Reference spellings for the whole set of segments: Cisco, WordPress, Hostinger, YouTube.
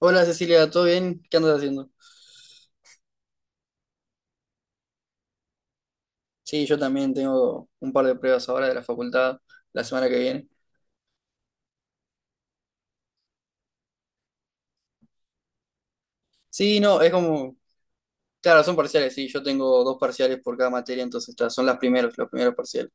Hola Cecilia, ¿todo bien? ¿Qué andas haciendo? Sí, yo también tengo un par de pruebas ahora de la facultad la semana que viene. Sí, no, es como, claro, son parciales, sí, yo tengo dos parciales por cada materia, entonces ta, son las primeros, los primeros parciales.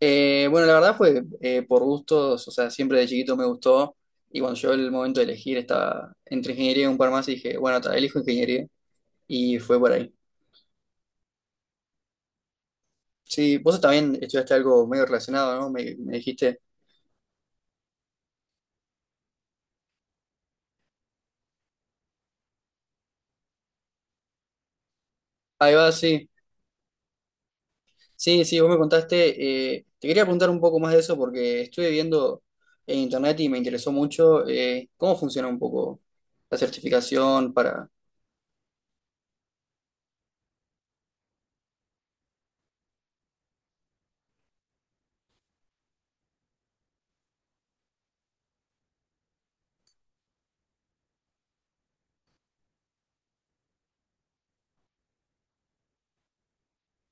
Bueno, la verdad fue por gustos, o sea, siempre de chiquito me gustó y cuando llegó el momento de elegir estaba entre ingeniería y un par más y dije, bueno, ta, elijo ingeniería y fue por ahí. Sí, vos también estudiaste algo medio relacionado, ¿no? Me dijiste, ahí va, sí. Sí, sí, vos me contaste. Te quería preguntar un poco más de eso porque estuve viendo en internet y me interesó mucho cómo funciona un poco la certificación para...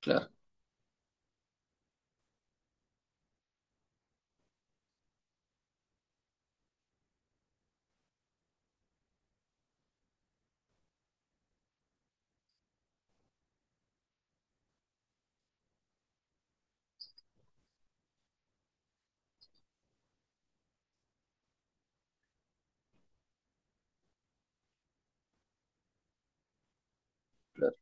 Claro, claro.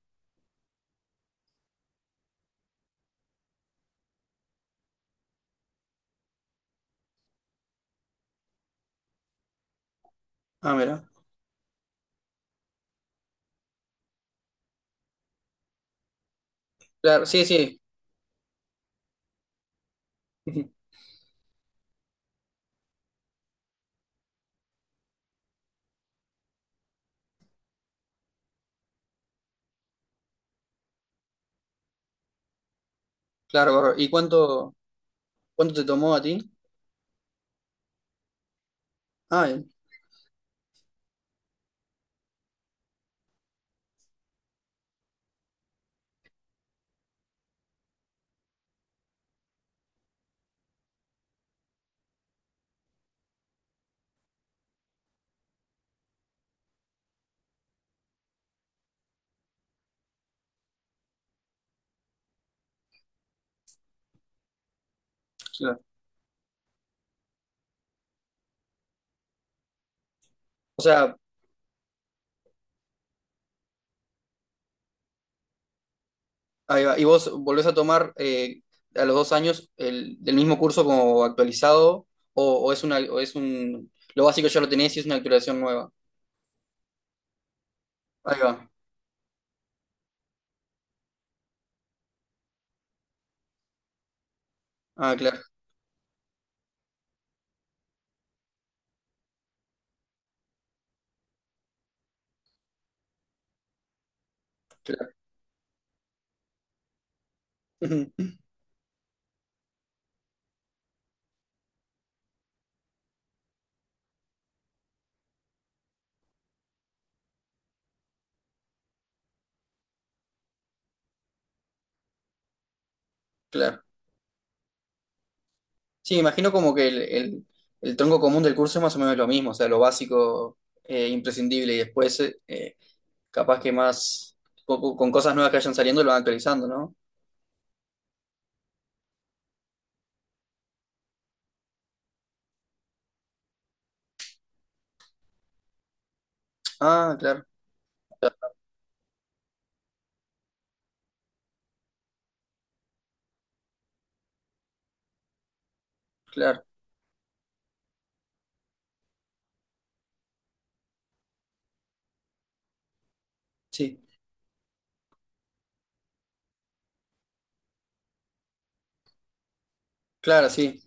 Ah, mira. Claro, sí, sí. Claro, bárbaro. ¿Y cuánto, cuánto te tomó a ti? Ah, bien, claro. O sea, ahí va. ¿Y vos volvés a tomar a los dos años el, del mismo curso como actualizado o es una, o es un...? Lo básico ya lo tenés y es una actualización nueva. Ahí va. Ah, claro, claro. Claro. Sí, imagino como que el tronco común del curso es más o menos lo mismo, o sea, lo básico, imprescindible, y después capaz que más, con cosas nuevas que vayan saliendo, lo van actualizando, ¿no? Ah, claro, claro, sí, claro, sí,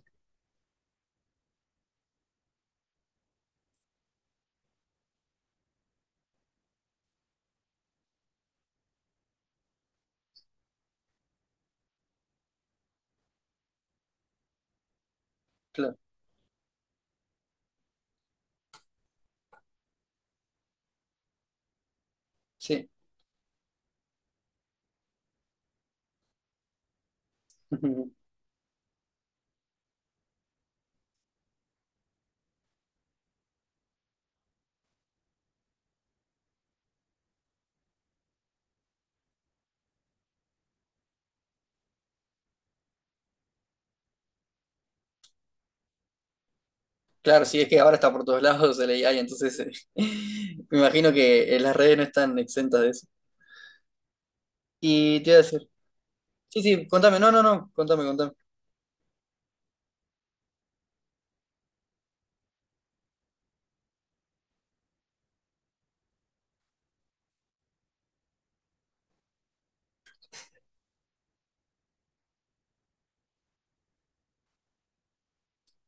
claro, sí. Claro, sí, es que ahora está por todos lados el AI, entonces me imagino que las redes no están exentas de eso. Y te iba a decir, sí, sí, contame, no, no, no, contame, contame.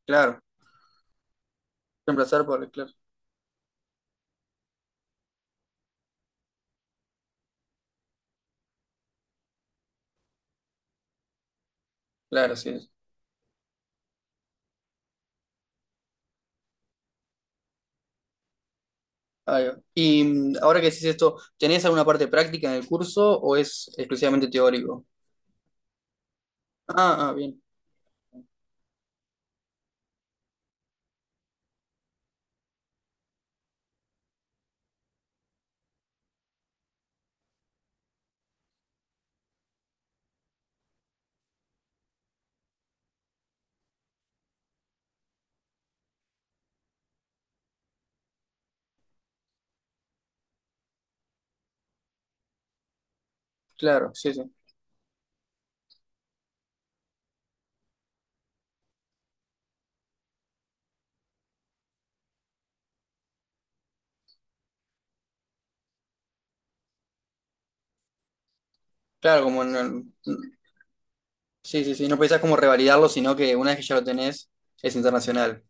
Claro, reemplazar por, claro, claro, sí. Ahí va. Y ahora que decís esto, ¿tenés alguna parte práctica en el curso o es exclusivamente teórico? Ah, ah, bien, claro, sí, sí. Claro, como en el- mm. Sí, sí, sí, no pensás como revalidarlo, sino que una vez que ya lo tenés, es internacional.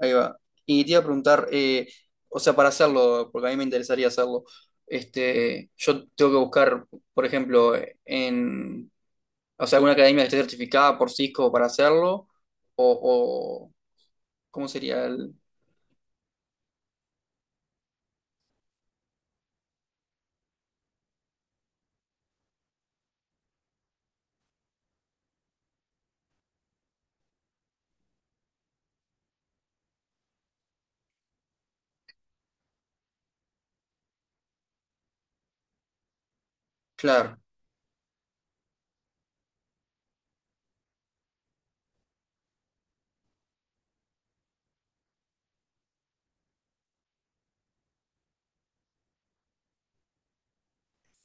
Ahí va. Y te iba a preguntar, o sea, para hacerlo, porque a mí me interesaría hacerlo, este, yo tengo que buscar, por ejemplo, en, o sea, alguna academia que esté certificada por Cisco para hacerlo, o ¿cómo sería el...? Claro.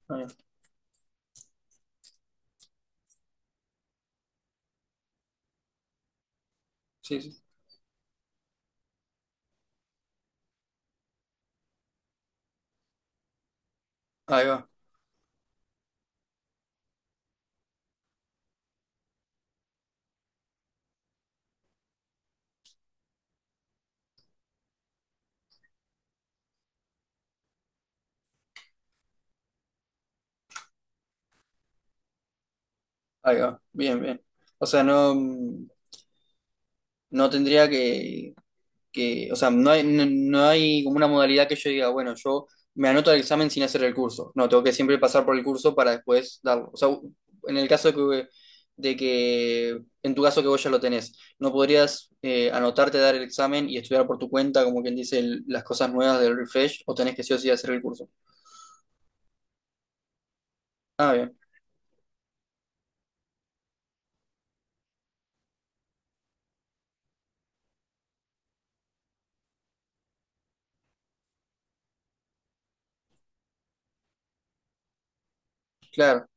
Ahí va. Sí, sí. Ahí va, ahí va, bien, bien. O sea, no, no tendría que, o sea, no hay, no, no hay como una modalidad que yo diga, bueno, yo me anoto al examen sin hacer el curso. No, tengo que siempre pasar por el curso para después darlo. O sea, en el caso de que en tu caso que vos ya lo tenés, ¿no podrías anotarte, dar el examen y estudiar por tu cuenta, como quien dice, el- las cosas nuevas del refresh, o tenés que sí o sí hacer el curso? Ah, bien, claro,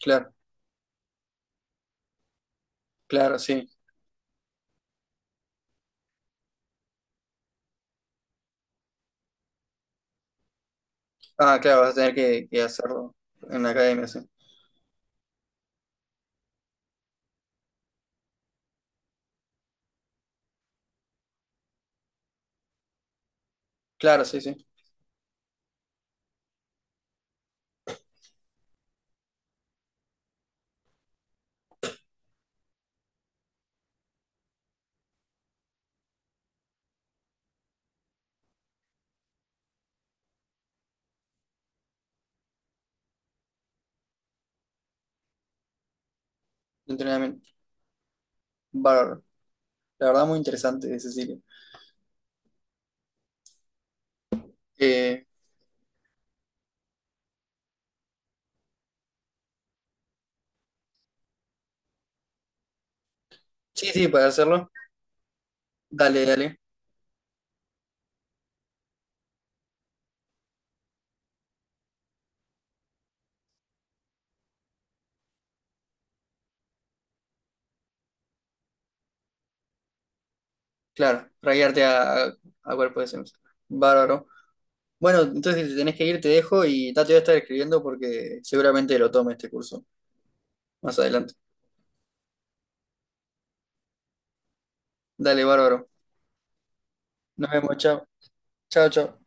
claro, claro, sí. Ah, claro, vas a tener que hacerlo en la academia, sí. Claro, sí, sí, de entrenamiento. Bárbaro. La verdad, muy interesante, Cecilia. Eh, sí, sí, para hacerlo. Dale, dale. Claro, rayarte a cuerpo de Sims. Bárbaro. Bueno, entonces si te tenés que ir, te dejo y ya te voy a estar escribiendo porque seguramente lo tome este curso más adelante. Dale, bárbaro. Nos vemos, chao. Chao, chao.